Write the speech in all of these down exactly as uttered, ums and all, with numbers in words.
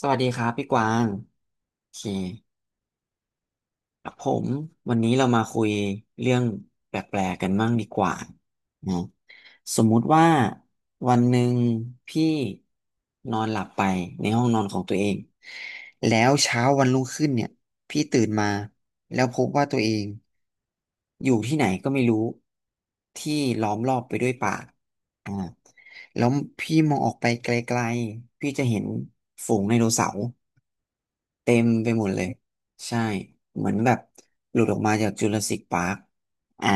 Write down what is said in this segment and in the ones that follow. สวัสดีครับพี่กวางโอเคครับผมวันนี้เรามาคุยเรื่องแปลกๆกันบ้างดีกว่านะสมมุติว่าวันหนึ่งพี่นอนหลับไปในห้องนอนของตัวเอง แล้วเช้าวันรุ่งขึ้นเนี่ยพี่ตื่นมาแล้วพบว่าตัวเองอยู่ที่ไหนก็ไม่รู้ที่ล้อมรอบไปด้วยป่าอ่าแล้วพี่มองออกไปไกลๆพี่จะเห็นฝูงไดโนเสาร์ เต็มไปหมดเลยใช่เหมือนแบบหลุดออกมาจากจูราสสิคปาร์คอ่า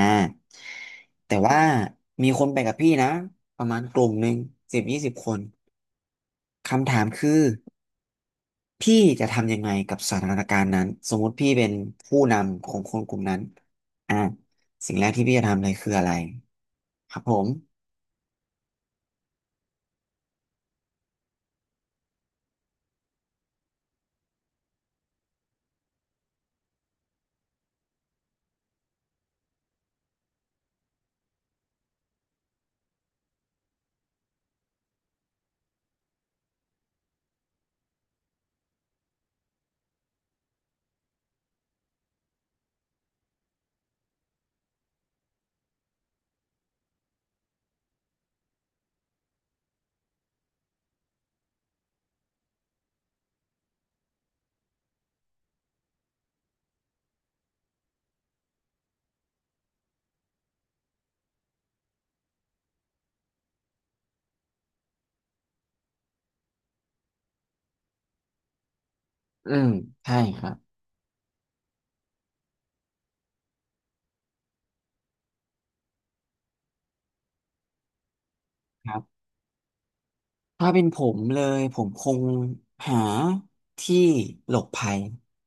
แต่ว่ามีคนไปกับพี่นะประมาณกลุ่มหนึ่งสิบยี่สิบคนคำถามคือพี่จะทำยังไงกับสถานการณ์นั้นสมมุติพี่เป็นผู้นำของคนกลุ่มนั้นอ่าสิ่งแรกที่พี่จะทำเลยคืออะไรครับผมอืมใช่ครับ ถ้าเป็นผมเลยผมคงหาที่หลบภัย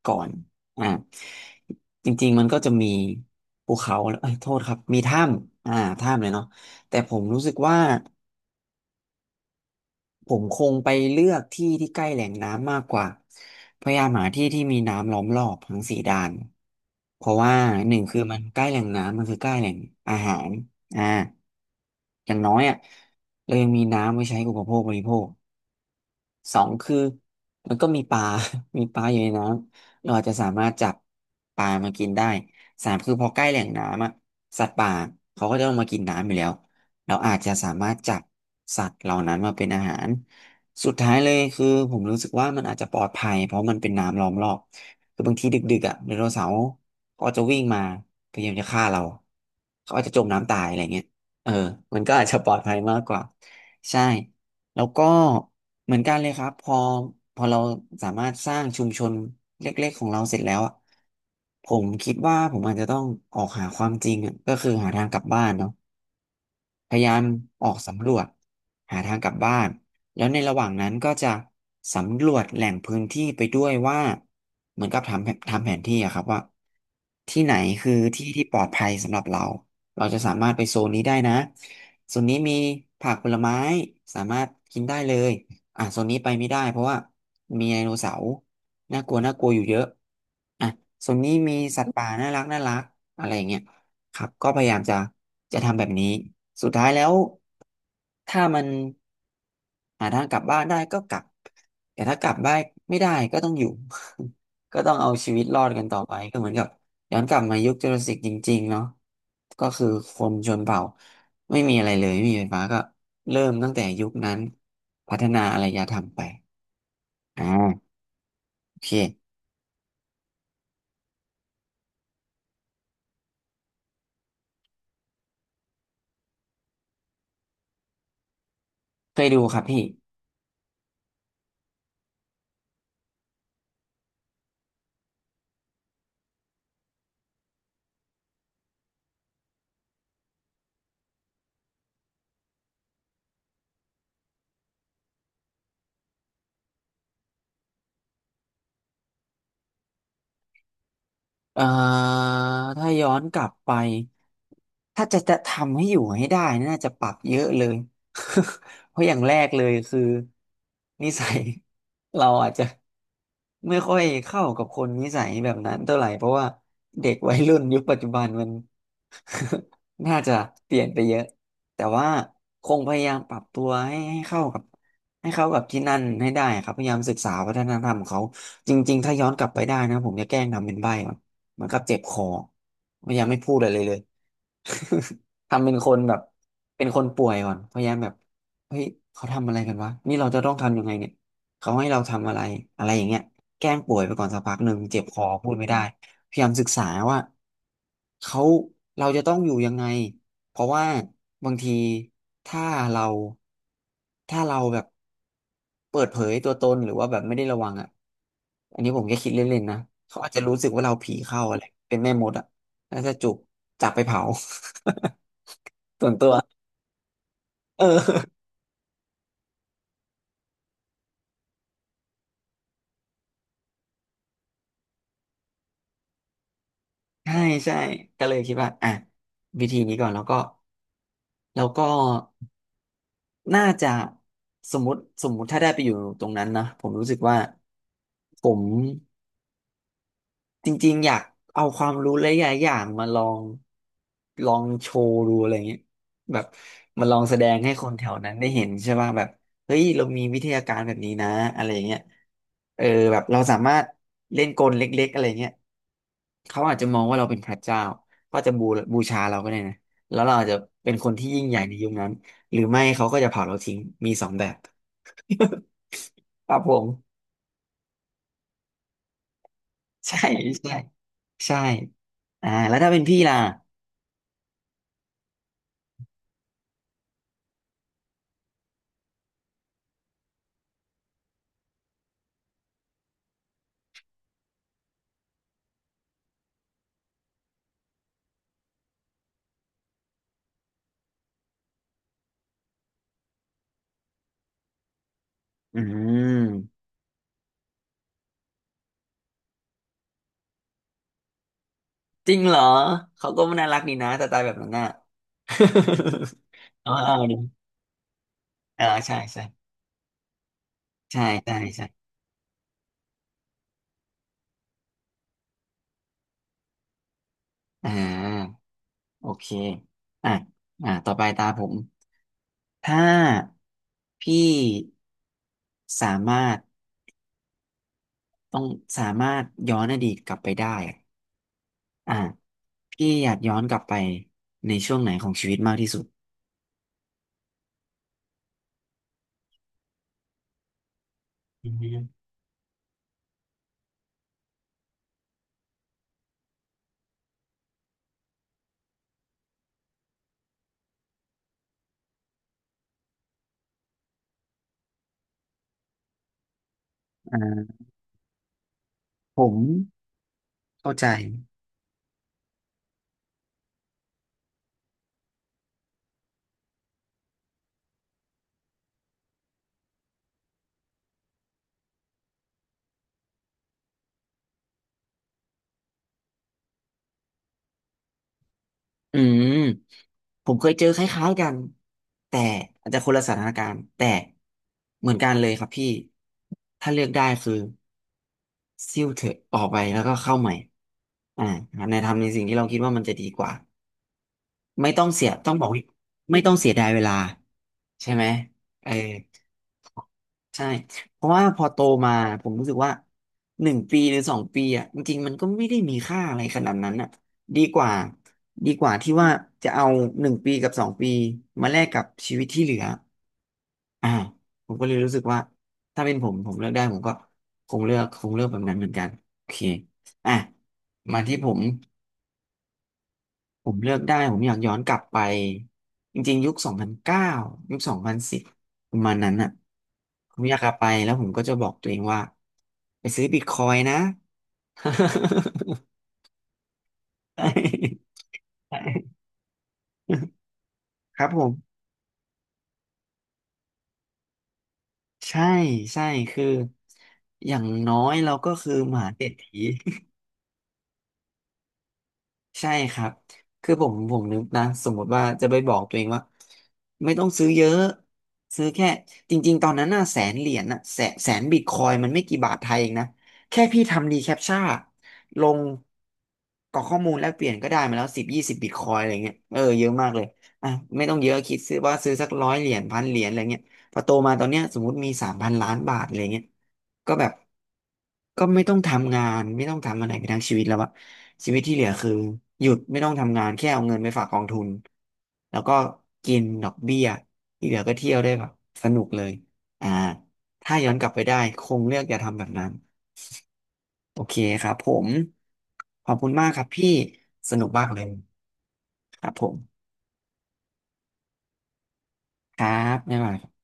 ก่อนอ่าจริงๆมันก็จะมีภูเขาเอ้ยโทษครับมีถ้ำอ่าถ้ำเลยเนาะแต่ผมรู้สึกว่าผมคงไปเลือกที่ที่ใกล้แหล่งน้ำมากกว่าพยายามหาที่ที่มีน้ำล้อมรอบทั้งสี่ด้านเพราะว่าหนึ่งคือมันใกล้แหล่งน้ำมันคือใกล้แหล่งอาหารอ่าอย่างน้อยอ่ะเรายังมีน้ำไว้ใช้อุปโภคบริโภค สองคือมันก็มีปลา มีปลาอยู่ในน้ำเราอาจจะสามารถจับปลามากินได้สามคือพอใกล้แหล่งน้ำอะสัตว์ป่าเขาก็จะเอามากินน้ำอยู่แล้วเราอาจจะสามารถจับสัตว์เหล่านั้นมาเป็นอาหารสุดท้ายเลยคือผมรู้สึกว่ามันอาจจะปลอดภัยเพราะมันเป็นน้ำล้อมรอบคือบางทีดึกๆอ่ะไดโนเสาร์ก็จะวิ่งมาพยายามจะฆ่าเราเขาอาจจะจมน้ำตายอะไรเงี้ยเออมันก็อาจจะปลอดภัยมากกว่าใช่ แล้วก็เหมือนกันเลยครับพอพอเราสามารถสร้างชุมชนเล็กๆของเราเสร็จแล้วอะผมคิดว่าผมอาจจะต้องออกหาความจริงอะก็คือหาทางกลับบ้านเนาะ พยายามออกสำรวจหาทางกลับบ้านแล้วในระหว่างนั้นก็จะสำรวจแหล่งพื้นที่ไปด้วยว่าเหมือนกับทำทำแผนที่อะครับว่าที่ไหนคือที่ที่ปลอดภัยสำหรับเราเราจะสามารถไปโซนนี้ได้นะโซนนี้มีผักผลไม้สามารถกินได้เลยอ่ะโซนนี้ไปไม่ได้เพราะว่ามีไดโนเสาร์น่ากลัวน่ากลัวอยู่เยอะอ่ะโซนนี้มีสัตว์ป่าน่ารักน่ารักอะไรอย่างเงี้ย ครับก็พยายามจะจะทำแบบนี้สุดท้ายแล้วถ้ามันหาทางกลับบ้านได้ก็กลับแต่ถ้ากลับบ้านไม่ได้ก็ต้องอยู่ ก็ต้องเอาชีวิตรอดกันต่อไปก็เหมือนกับย้อนกลับมายุคจูราสสิกจริงๆเนาะก็คือคนชนเผ่าไม่มีอะไรเลยไม่มีไฟฟ้าก็เริ่มตั้งแต่ยุคนั้นพัฒนาอารยธรรมไปอ่าโอเคเคยดูครับพี่ เอ่อถ้าย้อนกลับไป ถ้าจะจะทำให้อยู่ให้ได้น่าจะปรับเยอะเลย เพราะอย่างแรกเลยคือนิสัย เราอาจจะไม่ค่อยเข้ากับคนนิสัยแบบนั้นเท่าไหร่เพราะว่าเด็กวัยรุ่นยุคปัจจุบันมัน น่าจะเปลี่ยนไปเยอะแต่ว่าคงพยายามปรับตัวให้ให้เข้ากับให้เข้ากับที่นั่นให้ได้ครับพยายามศึกษาวัฒนธรรมของเขาจริงๆถ้าย้อนกลับไปได้นะผมจะแกล้งทำเป็นใบ้ เหมือนกับเจ็บคอพยายามไม่พูดอะไรเลย เลย ทำเป็นคนแบบเป็นคนป่วยก่อนพยายามแบบเฮ้ย เขาทำอะไรกันวะ นี่เราจะต้องทำยังไงเนี่ย เขาให้เราทำอะไรอะไรอย่างเงี้ยแกล้งป่วยไปก่อนสักพักหนึ่งเจ็บคอพูดไม่ได้พยายามศึกษาว่าเขาเราจะต้องอยู่ยังไงเพราะว่าบางทีถ้าเราถ้าเราแบบเปิดเผยตัวตนหรือว่าแบบไม่ได้ระวังอ่ะอันนี้ผมแค่คิดเล่นๆนะเขาอาจจะรู้สึกว่าเราผีเข้าอะไรเป็นแม่มดอ่ะแล้วจะจุกจับไปเผา ส่วนตัวเออ ใช่ใช่ก็เลยคิดว่าอ่ะวิธีนี้ก่อนแล้วก็แล้วก็ น่าจะสมมติสมมุติถ้าได้ไปอยู่ตรงนั้นนะผมรู้สึกว่าผม จริงๆอยากเอาความรู้หลายๆอย่างมาลองลองโชว์ดูอะไรเงี้ยแบบมาลองแสดงให้คนแถวนั้นได้เห็นใช่ป่ะแบบเฮ้ยเรามีวิทยาการแบบนี้นะอะไรเงี้ยเออแบบเราสามารถเล่นกลเล็กๆอะไรเงี้ยเขาอาจจะมองว่าเราเป็นพระเจ้าก็จะบูบูชาเราก็ได้นะแล้วเราอาจจะเป็นคนที่ยิ่งใหญ่ในยุคนั้นหรือไม่เขาก็จะเผาเราทิ้งมีสองแบบครับผม ใช่ใช่ใช่อ่าแล้วถ้าเป็นพี่ล่ะ อืมจริงเหรอเขาก็ไม่น่ารักดีนะแต่ตายแบบนั้นน่ะ เอาเอาดิเออใช่ใช่ใช่ใช่ใช่อ่าโอเคอ่ะอ่าต่อไปตาผมถ้าพี่สามารถต้องสามารถย้อนอดีตกลับไปได้อะอ่าพี่อยากย้อนกลับไปในช่วงไหนของชีวิตมากที่สุดอืมอ่าผมเข้าใจ อืมผมเคยเจอคล้ายๆกันแต่อาจจะคนละสถานการณ์แต่เหมือนกันเลยครับพี่ถ้าเลือกได้คือซิ่วเถอะออกไปแล้วก็เข้าใหม่อ่าในทำในสิ่งที่เราคิดว่ามันจะดีกว่าไม่ต้องเสียต้องบอกว่าไม่ต้องเสียดายเวลาใช่ไหมเออ ใช่เพราะว่าพอโตมาผมรู้สึกว่าหนึ่งปีหรือสองปีอ่ะจริงๆมันก็ไม่ได้มีค่าอะไรขนาดนั้นอ่ะดีกว่าดีกว่าที่ว่าจะเอาหนึ่งปีกับสองปีมาแลกกับชีวิตที่เหลืออ่าผมก็เลยรู้สึกว่าถ้าเป็นผมผมเลือกได้ผมก็คงเลือกคงเลือกแบบนั้นเหมือนกันโอเคอ่ะมาที่ผม ผมเลือกได้ผมอยากย้อนกลับไปจริงๆยุคสองพันเก้ายุคสองพันสิบประมาณนั้นอ่ะผมอยากกลับไปแล้วผมก็จะบอกตัวเองว่าไปซื้อบิตคอยน์นะ ใช่ใช่ครับผมใช่ใช่คืออย่างน้อยเราก็คือมหาเศรษฐี ใช่ครับคือผมผมนึกนะสมมติว่าจะไปบอกตัวเองว่าไม่ต้องซื้อเยอะซื้อแค่จริงๆตอนนั้นน่ะแสนเหรียญน่ะแสนแสนบิตคอยมันไม่กี่บาทไทยเองนะแค่พี่ทำดีแคปชั่นลงกรอกข้อมูลแลกเปลี่ยนก็ได้มาแล้วสิบยี่สิบบิตคอยอะไรเงี้ยเออเยอะมากเลยอ่ะไม่ต้องเยอะคิดซื้อว่าซื้อสักร้อยเหรียญพันเหรียญอะไรเงี้ยพอโตมาตอนเนี้ยสมมติมีสามพันล้านบาทอะไรเงี้ย ก็แบบก็ไม่ต้องทำงานไม่ต้องทำอะไรไปทั้งชีวิตแล้วอะชีวิตที่เหลือคือหยุดไม่ต้องทำงานแค่เอาเงินไปฝากกองทุนแล้วก็กินดอกเบี้ยที่เหลือก็เที่ยวได้แบบสนุกเลยอ่าถ้าย้อนกลับไปได้คงเลือกอย่าทำแบบนั้นโอเคครับผมขอบคุณมากครับพี่สนุกมากเลยครับผมครับบ๊ายบาย